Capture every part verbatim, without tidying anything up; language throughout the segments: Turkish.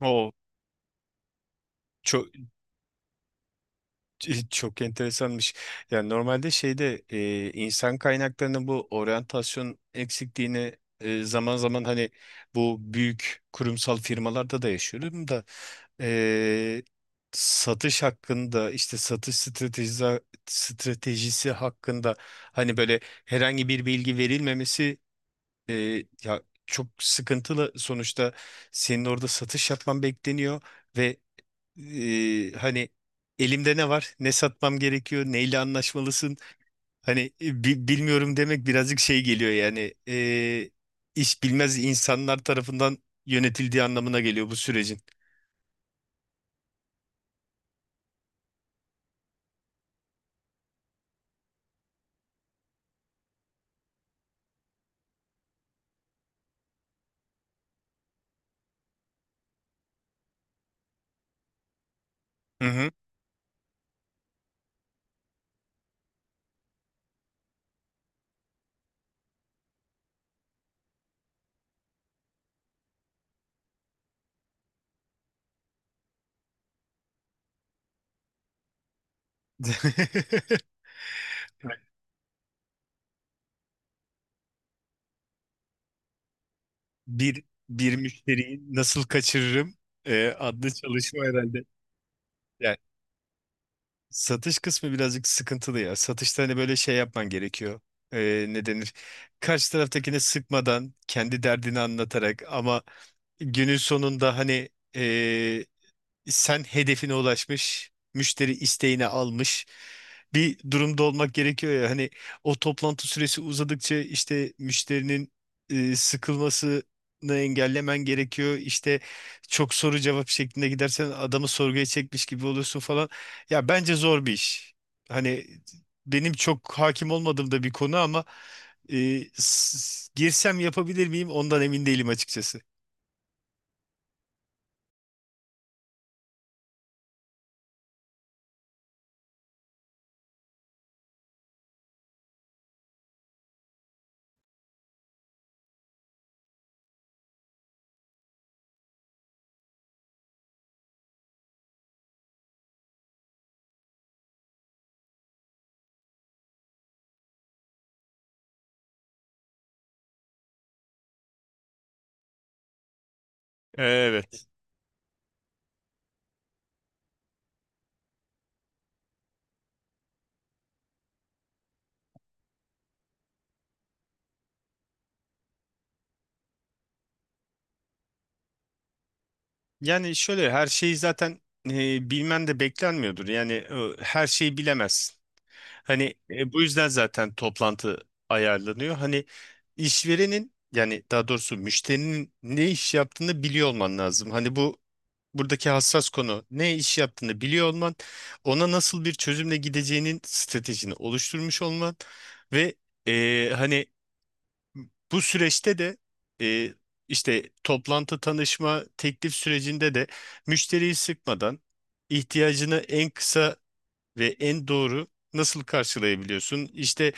O çok çok enteresanmış. Yani normalde şeyde e, insan kaynaklarının bu oryantasyon eksikliğini e, zaman zaman hani bu büyük kurumsal firmalarda da yaşıyorum da e, satış hakkında işte satış stratejisi, stratejisi hakkında hani böyle herhangi bir bilgi verilmemesi. E, Ya çok sıkıntılı sonuçta senin orada satış yapman bekleniyor ve e, hani elimde ne var, ne satmam gerekiyor, neyle anlaşmalısın. Hani e, bi- bilmiyorum demek birazcık şey geliyor yani e, iş bilmez insanlar tarafından yönetildiği anlamına geliyor bu sürecin. Hı hı. Bir bir müşteriyi nasıl kaçırırım e, adlı çalışma herhalde. Yani satış kısmı birazcık sıkıntılı ya. Satışta hani böyle şey yapman gerekiyor. E, ne denir? Karşı taraftakine sıkmadan kendi derdini anlatarak ama günün sonunda hani sen hedefine ulaşmış, müşteri isteğini almış bir durumda olmak gerekiyor ya. Hani o toplantı süresi uzadıkça işte müşterinin e, sıkılmasını engellemen gerekiyor. İşte çok soru cevap şeklinde gidersen adamı sorguya çekmiş gibi oluyorsun falan. Ya bence zor bir iş. Hani benim çok hakim olmadığım da bir konu ama e, s- girsem yapabilir miyim ondan emin değilim açıkçası. Evet. Yani şöyle her şeyi zaten e, bilmen de beklenmiyordur. Yani e, her şeyi bilemezsin. Hani e, bu yüzden zaten toplantı ayarlanıyor. Hani işverenin yani daha doğrusu müşterinin ne iş yaptığını biliyor olman lazım. Hani bu buradaki hassas konu ne iş yaptığını biliyor olman, ona nasıl bir çözümle gideceğinin stratejini oluşturmuş olman ve e, hani bu süreçte de e, işte toplantı tanışma teklif sürecinde de müşteriyi sıkmadan ihtiyacını en kısa ve en doğru nasıl karşılayabiliyorsun? İşte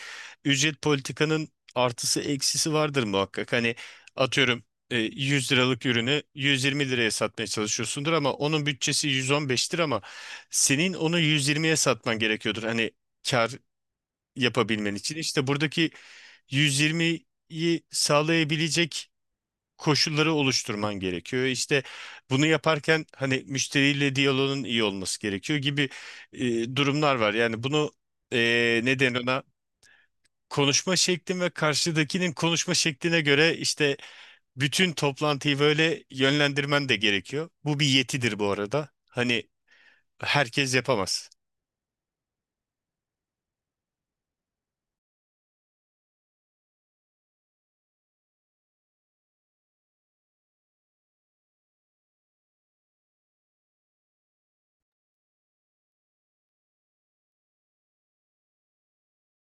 ücret politikanın artısı eksisi vardır muhakkak. Hani atıyorum e, yüz liralık ürünü yüz yirmi liraya satmaya çalışıyorsundur ama onun bütçesi yüz on beştir ama senin onu yüz yirmiye satman gerekiyordur. Hani kar yapabilmen için işte buradaki yüz yirmiyi sağlayabilecek koşulları oluşturman gerekiyor. İşte bunu yaparken hani müşteriyle diyaloğun iyi olması gerekiyor gibi e, durumlar var. Yani bunu e, neden ona konuşma şeklin ve karşıdakinin konuşma şekline göre işte bütün toplantıyı böyle yönlendirmen de gerekiyor. Bu bir yetidir bu arada. Hani herkes yapamaz.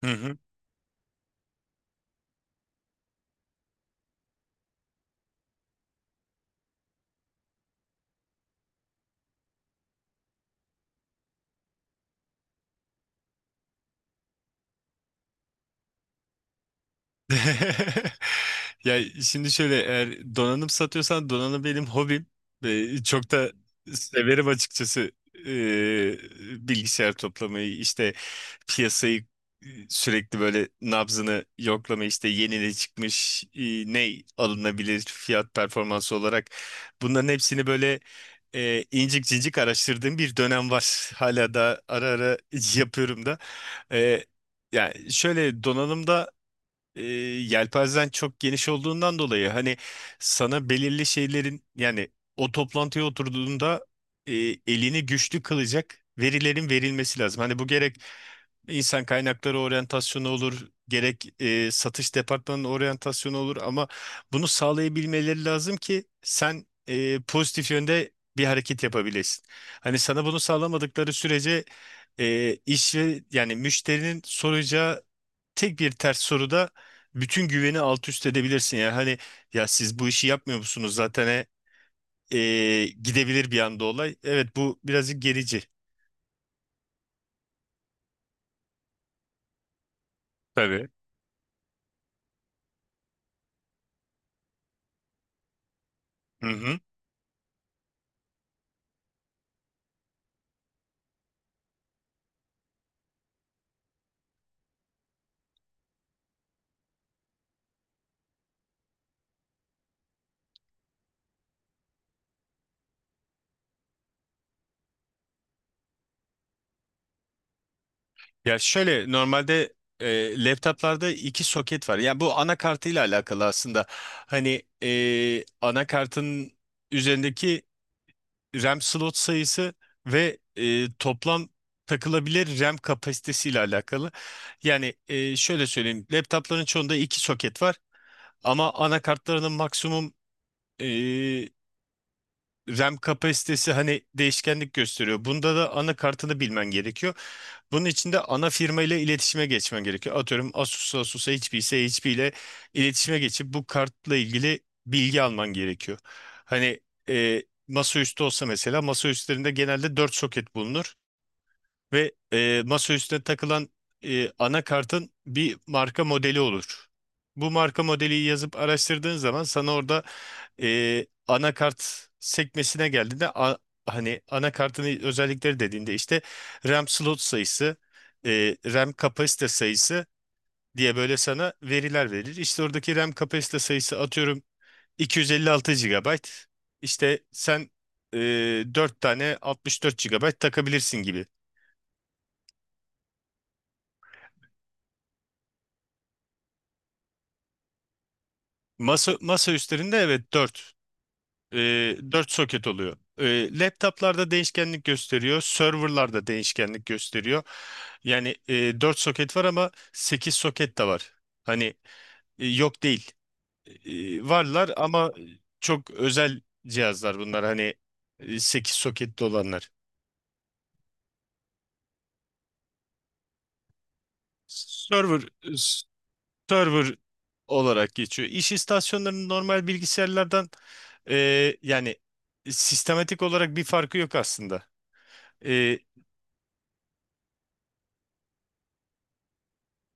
Hı hı. Ya şimdi şöyle eğer donanım satıyorsan donanım benim hobim ve çok da severim açıkçası. Ee, Bilgisayar toplamayı işte piyasayı e, sürekli böyle nabzını yoklamayı işte yeni ne çıkmış e, ne alınabilir fiyat performansı olarak bunların hepsini böyle e, incik cincik araştırdığım bir dönem var hala da ara ara yapıyorum da. Ee, Yani şöyle donanımda e, yelpazen çok geniş olduğundan dolayı hani sana belirli şeylerin yani o toplantıya oturduğunda e, elini güçlü kılacak verilerin verilmesi lazım. Hani bu gerek insan kaynakları oryantasyonu olur, gerek e, satış departmanının oryantasyonu olur ama bunu sağlayabilmeleri lazım ki sen e, pozitif yönde bir hareket yapabilesin. Hani sana bunu sağlamadıkları sürece e, iş ve yani müşterinin soracağı tek bir ters soruda bütün güveni alt üst edebilirsin. Yani hani ya siz bu işi yapmıyor musunuz zaten e, e, gidebilir bir anda olay. Evet, bu birazcık gerici. Tabii. Hı hı. Ya şöyle normalde e, laptoplarda iki soket var. Yani bu anakartıyla alakalı aslında. Hani e, anakartın üzerindeki RAM slot sayısı ve e, toplam takılabilir RAM kapasitesiyle alakalı. Yani e, şöyle söyleyeyim. Laptopların çoğunda iki soket var. Ama anakartlarının maksimum e, RAM kapasitesi hani değişkenlik gösteriyor. Bunda da anakartını bilmen gerekiyor. Bunun için de ana firma ile iletişime geçmen gerekiyor. Atıyorum Asus, Asus'a H P ise H P ile iletişime geçip bu kartla ilgili bilgi alman gerekiyor. Hani e, masaüstü olsa mesela masaüstlerinde genelde dört soket bulunur ve e, masaüstüne takılan e, anakartın bir marka modeli olur. Bu marka modeli yazıp araştırdığın zaman sana orada e, anakart sekmesine geldiğinde a- hani anakartın özellikleri dediğinde işte RAM slot sayısı, e, RAM kapasite sayısı diye böyle sana veriler verir. İşte oradaki RAM kapasite sayısı atıyorum iki yüz elli altı gigabayt. İşte sen e, dört tane altmış dört gigabayt takabilirsin gibi. Masa, masa üstlerinde evet dört. E, Dört soket oluyor. E, laptoplarda değişkenlik gösteriyor. Serverlarda değişkenlik gösteriyor. Yani e, dört soket var ama sekiz soket de var. Hani e, yok değil. E, varlar ama çok özel cihazlar bunlar. Hani sekiz soketli olanlar. Server server olarak geçiyor. İş istasyonlarının normal bilgisayarlardan e, yani sistematik olarak bir farkı yok aslında. E,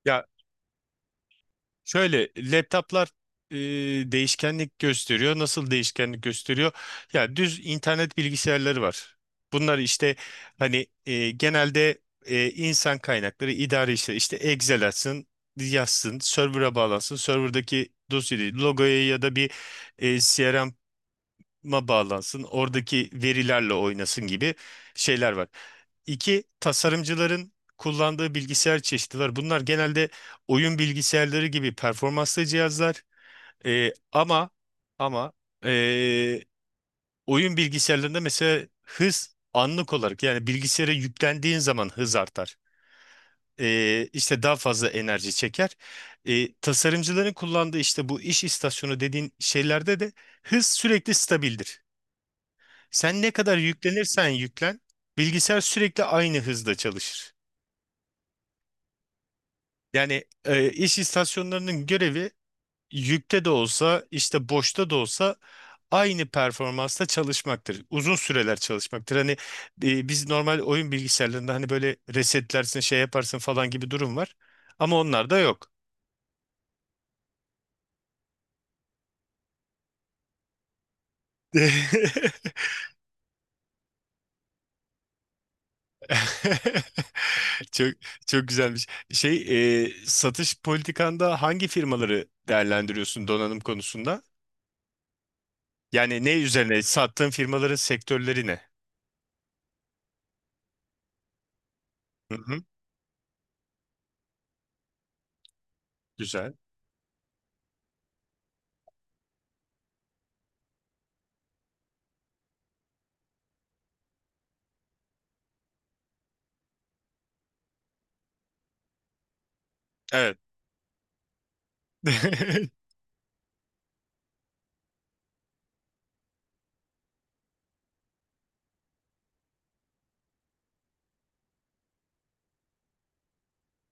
ya Şöyle laptoplar e, değişkenlik gösteriyor. Nasıl değişkenlik gösteriyor? Ya düz internet bilgisayarları var. Bunlar işte hani e, genelde e, insan kaynakları idare işleri işte Excel açsın, yazsın, server'a bağlansın. Server'daki dosyayı, logoya ya da bir e, C R M ma bağlansın, oradaki verilerle oynasın gibi şeyler var. İki, tasarımcıların kullandığı bilgisayar çeşidi var. Bunlar genelde oyun bilgisayarları gibi performanslı cihazlar. Ee, ama ama ee, oyun bilgisayarlarında mesela hız anlık olarak yani bilgisayara yüklendiğin zaman hız artar. Ee, işte daha fazla enerji çeker. Ee, tasarımcıların kullandığı işte bu iş istasyonu dediğin şeylerde de hız sürekli stabildir. Sen ne kadar yüklenirsen yüklen, bilgisayar sürekli aynı hızda çalışır. Yani e, iş istasyonlarının görevi yükte de olsa, işte boşta da olsa aynı performansta çalışmaktır. Uzun süreler çalışmaktır. Hani e, biz normal oyun bilgisayarlarında hani böyle resetlersin, şey yaparsın falan gibi durum var. Ama onlar da yok. Çok çok güzelmiş. Şey, e, satış politikanda hangi firmaları değerlendiriyorsun donanım konusunda? Yani ne üzerine? Sattığın firmaların sektörleri ne? Hı hı, güzel. Evet.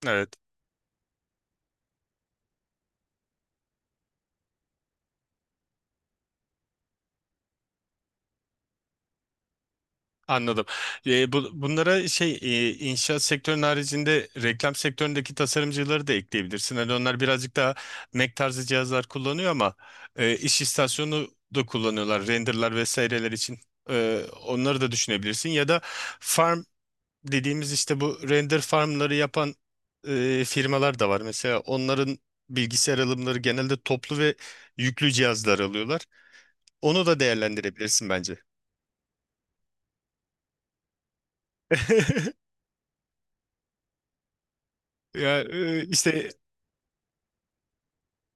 Evet. Anladım. Ee, bu, bunlara şey e, inşaat sektörünün haricinde reklam sektöründeki tasarımcıları da ekleyebilirsin. Hani onlar birazcık daha Mac tarzı cihazlar kullanıyor ama e, iş istasyonu da kullanıyorlar. Renderlar vesaireler için. Ee, onları da düşünebilirsin. Ya da farm dediğimiz işte bu render farmları yapan e, firmalar da var. Mesela onların bilgisayar alımları genelde toplu ve yüklü cihazlar alıyorlar. Onu da değerlendirebilirsin bence. Ya e, işte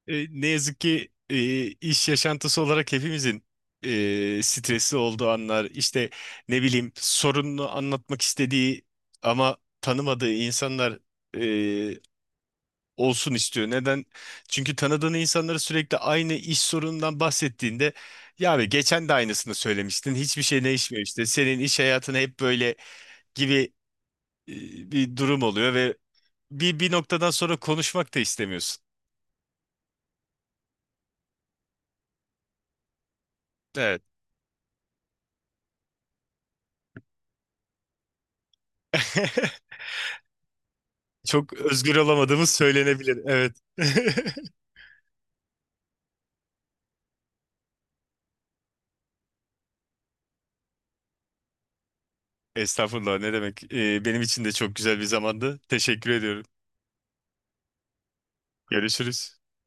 e, ne yazık ki e, iş yaşantısı olarak hepimizin e, stresli olduğu anlar, işte ne bileyim sorununu anlatmak istediği ama tanımadığı insanlar e, olsun istiyor. Neden? Çünkü tanıdığın insanlara sürekli aynı iş sorunundan bahsettiğinde ya abi geçen de aynısını söylemiştin. Hiçbir şey değişmiyor işte. Senin iş hayatın hep böyle gibi e, bir durum oluyor ve bir bir noktadan sonra konuşmak da istemiyorsun. Evet. Çok özgür olamadığımız söylenebilir. Evet. Estağfurullah ne demek. E, benim için de çok güzel bir zamandı. Teşekkür ediyorum. Görüşürüz.